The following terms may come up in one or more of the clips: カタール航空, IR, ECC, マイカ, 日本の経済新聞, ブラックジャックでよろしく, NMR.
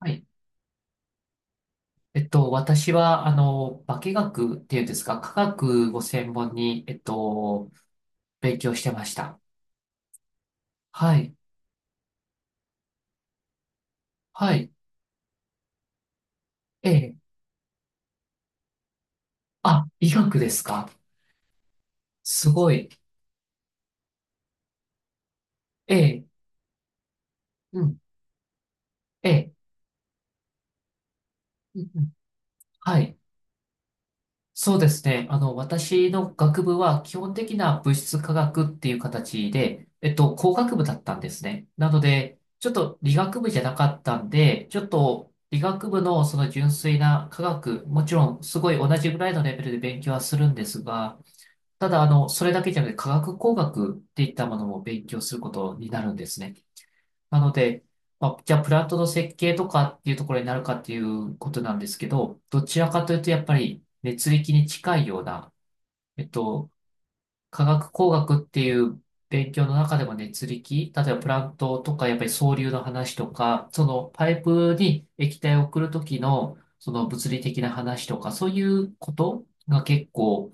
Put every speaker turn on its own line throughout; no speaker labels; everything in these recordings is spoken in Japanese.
はい。私は、化学っていうんですか、化学を専門に、勉強してました。はい。はい。ええ。あ、医学ですか？すごい。ええ。うん。ええ。うんうん、はい。そうですね。私の学部は基本的な物質科学っていう形で、工学部だったんですね。なので、ちょっと理学部じゃなかったんで、ちょっと理学部のその純粋な科学、もちろんすごい同じぐらいのレベルで勉強はするんですが、ただ、それだけじゃなくて科学工学っていったものも勉強することになるんですね。なので、まあ、じゃあプラントの設計とかっていうところになるかっていうことなんですけど、どちらかというとやっぱり熱力に近いような、えっと、化学工学っていう勉強の中でも熱力、例えばプラントとかやっぱり層流の話とか、そのパイプに液体を送るときのその物理的な話とか、そういうことが結構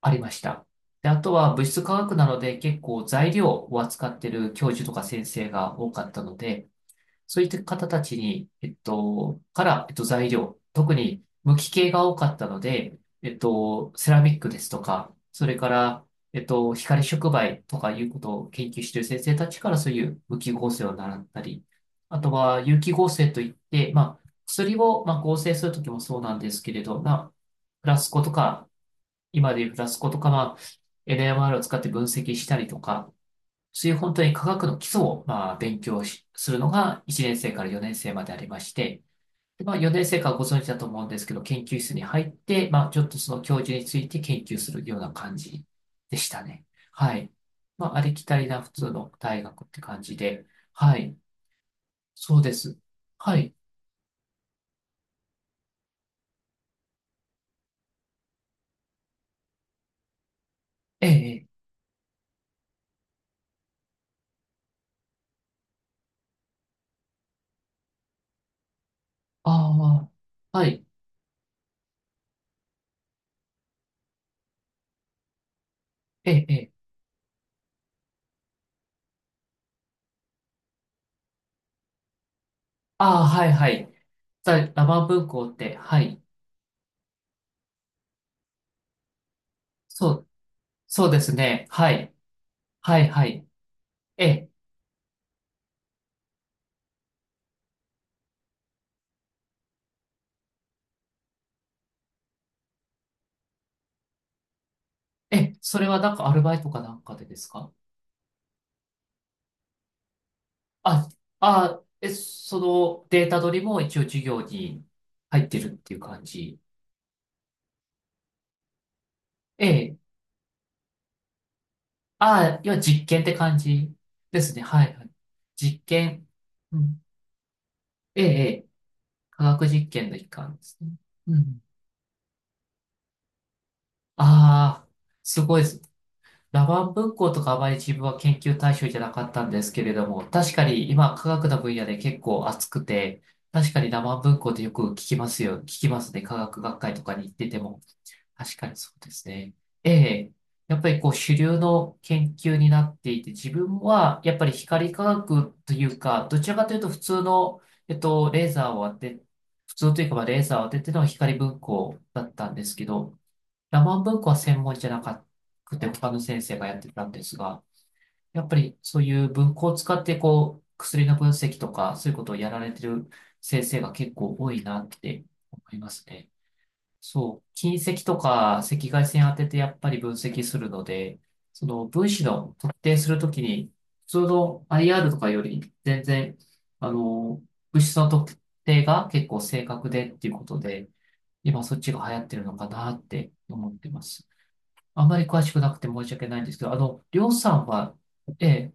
ありました。で、あとは物質化学なので結構材料を扱ってる教授とか先生が多かったので、そういった方たちに、から、材料、特に無機系が多かったので、セラミックですとか、それから、光触媒とかいうことを研究している先生たちからそういう無機合成を習ったり、あとは有機合成といって、まあ、薬を、まあ、合成するときもそうなんですけれど、まあ、フラスコとか、今でいうフラスコとか、まあ、NMR を使って分析したりとか、そういう本当に科学の基礎を、まあ、勉強するのが1年生から4年生までありまして、で、まあ、4年生からご存知だと思うんですけど、研究室に入って、まあ、ちょっとその教授について研究するような感じでしたね。はい。まあ、ありきたりな普通の大学って感じで、はい。そうです。はい。ええ、ええ、ああ、はい。ええ、ええ、ああ、はいはい。ラマ文庫って、はい。そう、そうですね。はい。はい、はい。えええ、それはなんかアルバイトかなんかでですか？あ、そのデータ取りも一応授業に入ってるっていう感じ。ええ。あ、要は実験って感じですね。はい、はい。実験。うん。ええ、ええ。科学実験の一環ですね。うん。ああ、すごいです。ラマン文庫とかあまり自分は研究対象じゃなかったんですけれども、確かに今科学の分野で結構熱くて、確かにラマン文庫ってよく聞きますよ。聞きますね。科学学会とかに行ってても。確かにそうですね。ええ。やっぱりこう主流の研究になっていて、自分はやっぱり光科学というか、どちらかというと普通の、えっと、レーザーを当て、普通というかまあレーザーを当てての光文庫だったんですけど、ラマン文庫は専門じゃなくて、他の先生がやってたんですが、やっぱりそういう文庫を使って、こう、薬の分析とか、そういうことをやられてる先生が結構多いなって思いますね。そう、近赤とか赤外線当ててやっぱり分析するので、その分子の特定するときに、普通の IR とかより全然、あの、物質の特定が結構正確でっていうことで、今そっちが流行ってるのかなって思ってます。あまり詳しくなくて申し訳ないんですけど、りょうさんは、ええ、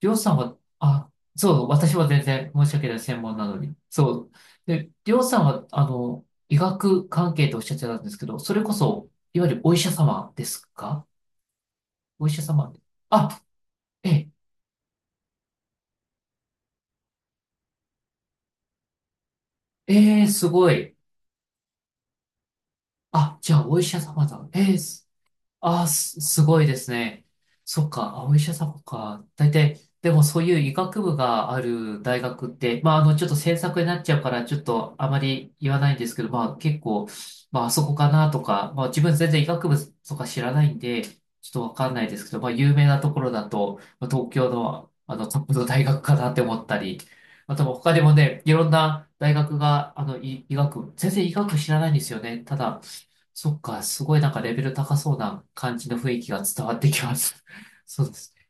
りょうさんは、あ、そう、私は全然申し訳ない専門なのに。そう。で、りょうさんは、医学関係とおっしゃってたんですけど、それこそ、いわゆるお医者様ですか？お医者様。あ、ええ、ええ、すごい。あ、じゃあお医者様だ。ええ、ああ、すごいですね。そっか、あ、お医者様か。大体、でもそういう医学部がある大学って、まあ、ちょっと制作になっちゃうから、ちょっとあまり言わないんですけど、まあ、結構、まあ、あそこかなとか、まあ、自分全然医学部とか知らないんで、ちょっとわかんないですけど、まあ、有名なところだと、まあ東京の、トップの大学かなって思ったり、あと、他にもね、いろんな大学が、医学部、全然医学部知らないんですよね。ただ、そっか、すごいなんかレベル高そうな感じの雰囲気が伝わってきます。そうですね。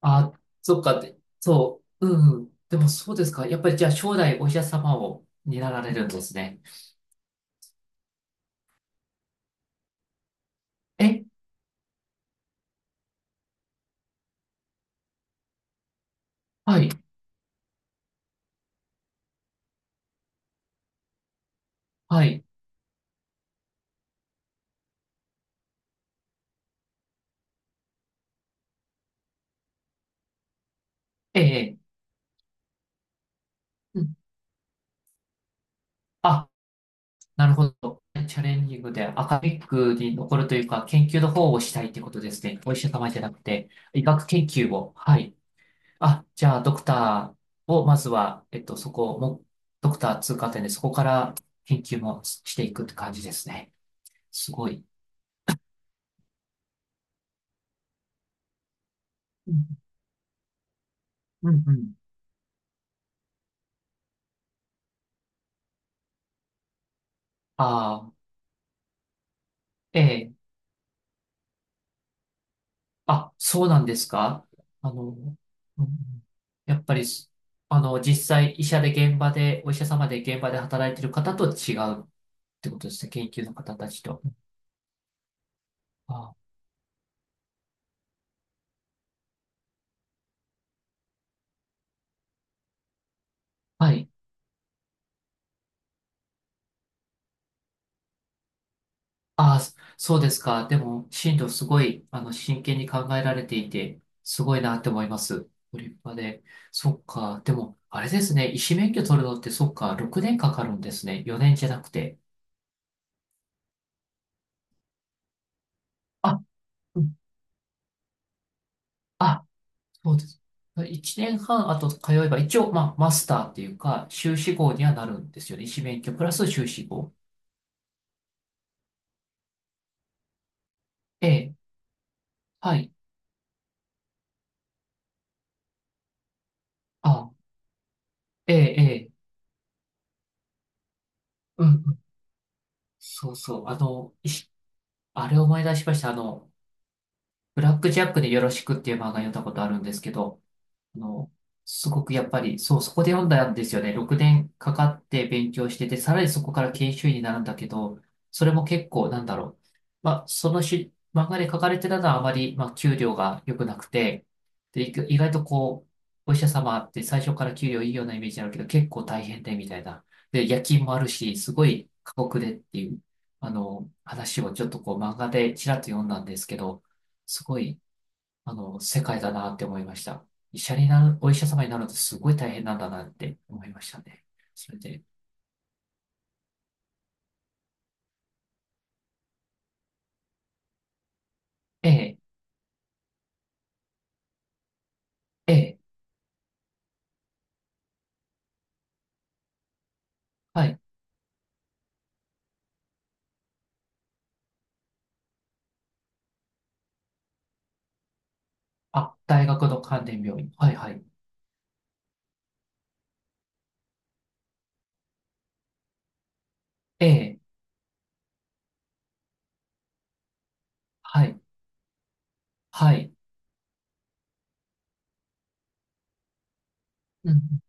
あ、そっか、でそう、うんうん。でもそうですか。やっぱりじゃあ将来お医者様を担られるんですね。え、はい、はい、ええ、うん、あ、なるほど。チャレンジングでアカデミックに残るというか、研究の方をしたいってことですね。お医者様じゃなくて、医学研究を。はい。あ、じゃあ、ドクターを、まずは、そこも、ドクター通過点で、そこから研究もしていくって感じですね。すごい。うん、うん、うん。ああ、ええ。あ、そうなんですか？うんうん、やっぱりす、あの、実際、医者で現場で、お医者様で現場で働いてる方と違うってことですね。研究の方たちと。あ、はい。ああ、そうですか。でも、進路すごい、真剣に考えられていて、すごいなって思います。ご立派で。そっか。でも、あれですね。医師免許取るのって、そっか、6年かかるんですね。4年じゃなくて。あ、うん、あ、そうです。1年半あと通えば、一応、まあ、マスターっていうか、修士号にはなるんですよね。医師免許プラス修士号。ええ、はい。あ、ええ、ええ、うん、うん、そうそう。あれを思い出しました。ブラックジャックでよろしくっていう漫画読んだことあるんですけど、あの、すごくやっぱり、そう、そこで読んだんですよね。6年かかって勉強してて、さらにそこから研修医になるんだけど、それも結構、なんだろう。まあ、その漫画で書かれてたのはあまり、まあ、給料が良くなくて、で、意外とこう、お医者様って最初から給料いいようなイメージあるけど、結構大変で、みたいな。で、夜勤もあるし、すごい過酷でっていう、話をちょっとこう、漫画でちらっと読んだんですけど、すごい、世界だなって思いました。医者になる、お医者様になるのってすごい大変なんだなって思いましたね。それで、ええ、ええ、はい。あ、大学の関連病院。はい、はい。ええ、はい、はい。うん、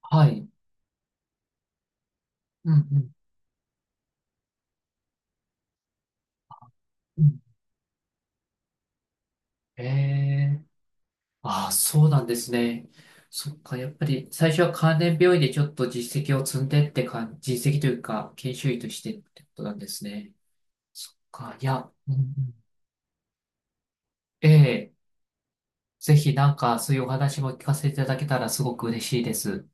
はい。うん、うん、うん。ええ、ああ、そうなんですね。そっか、やっぱり最初は関連病院でちょっと実績を積んでって感じ、実績というか、研修医としてってことなんですね。そっか、いや、うんうん、ええ、ぜひなんかそういうお話も聞かせていただけたらすごく嬉しいです。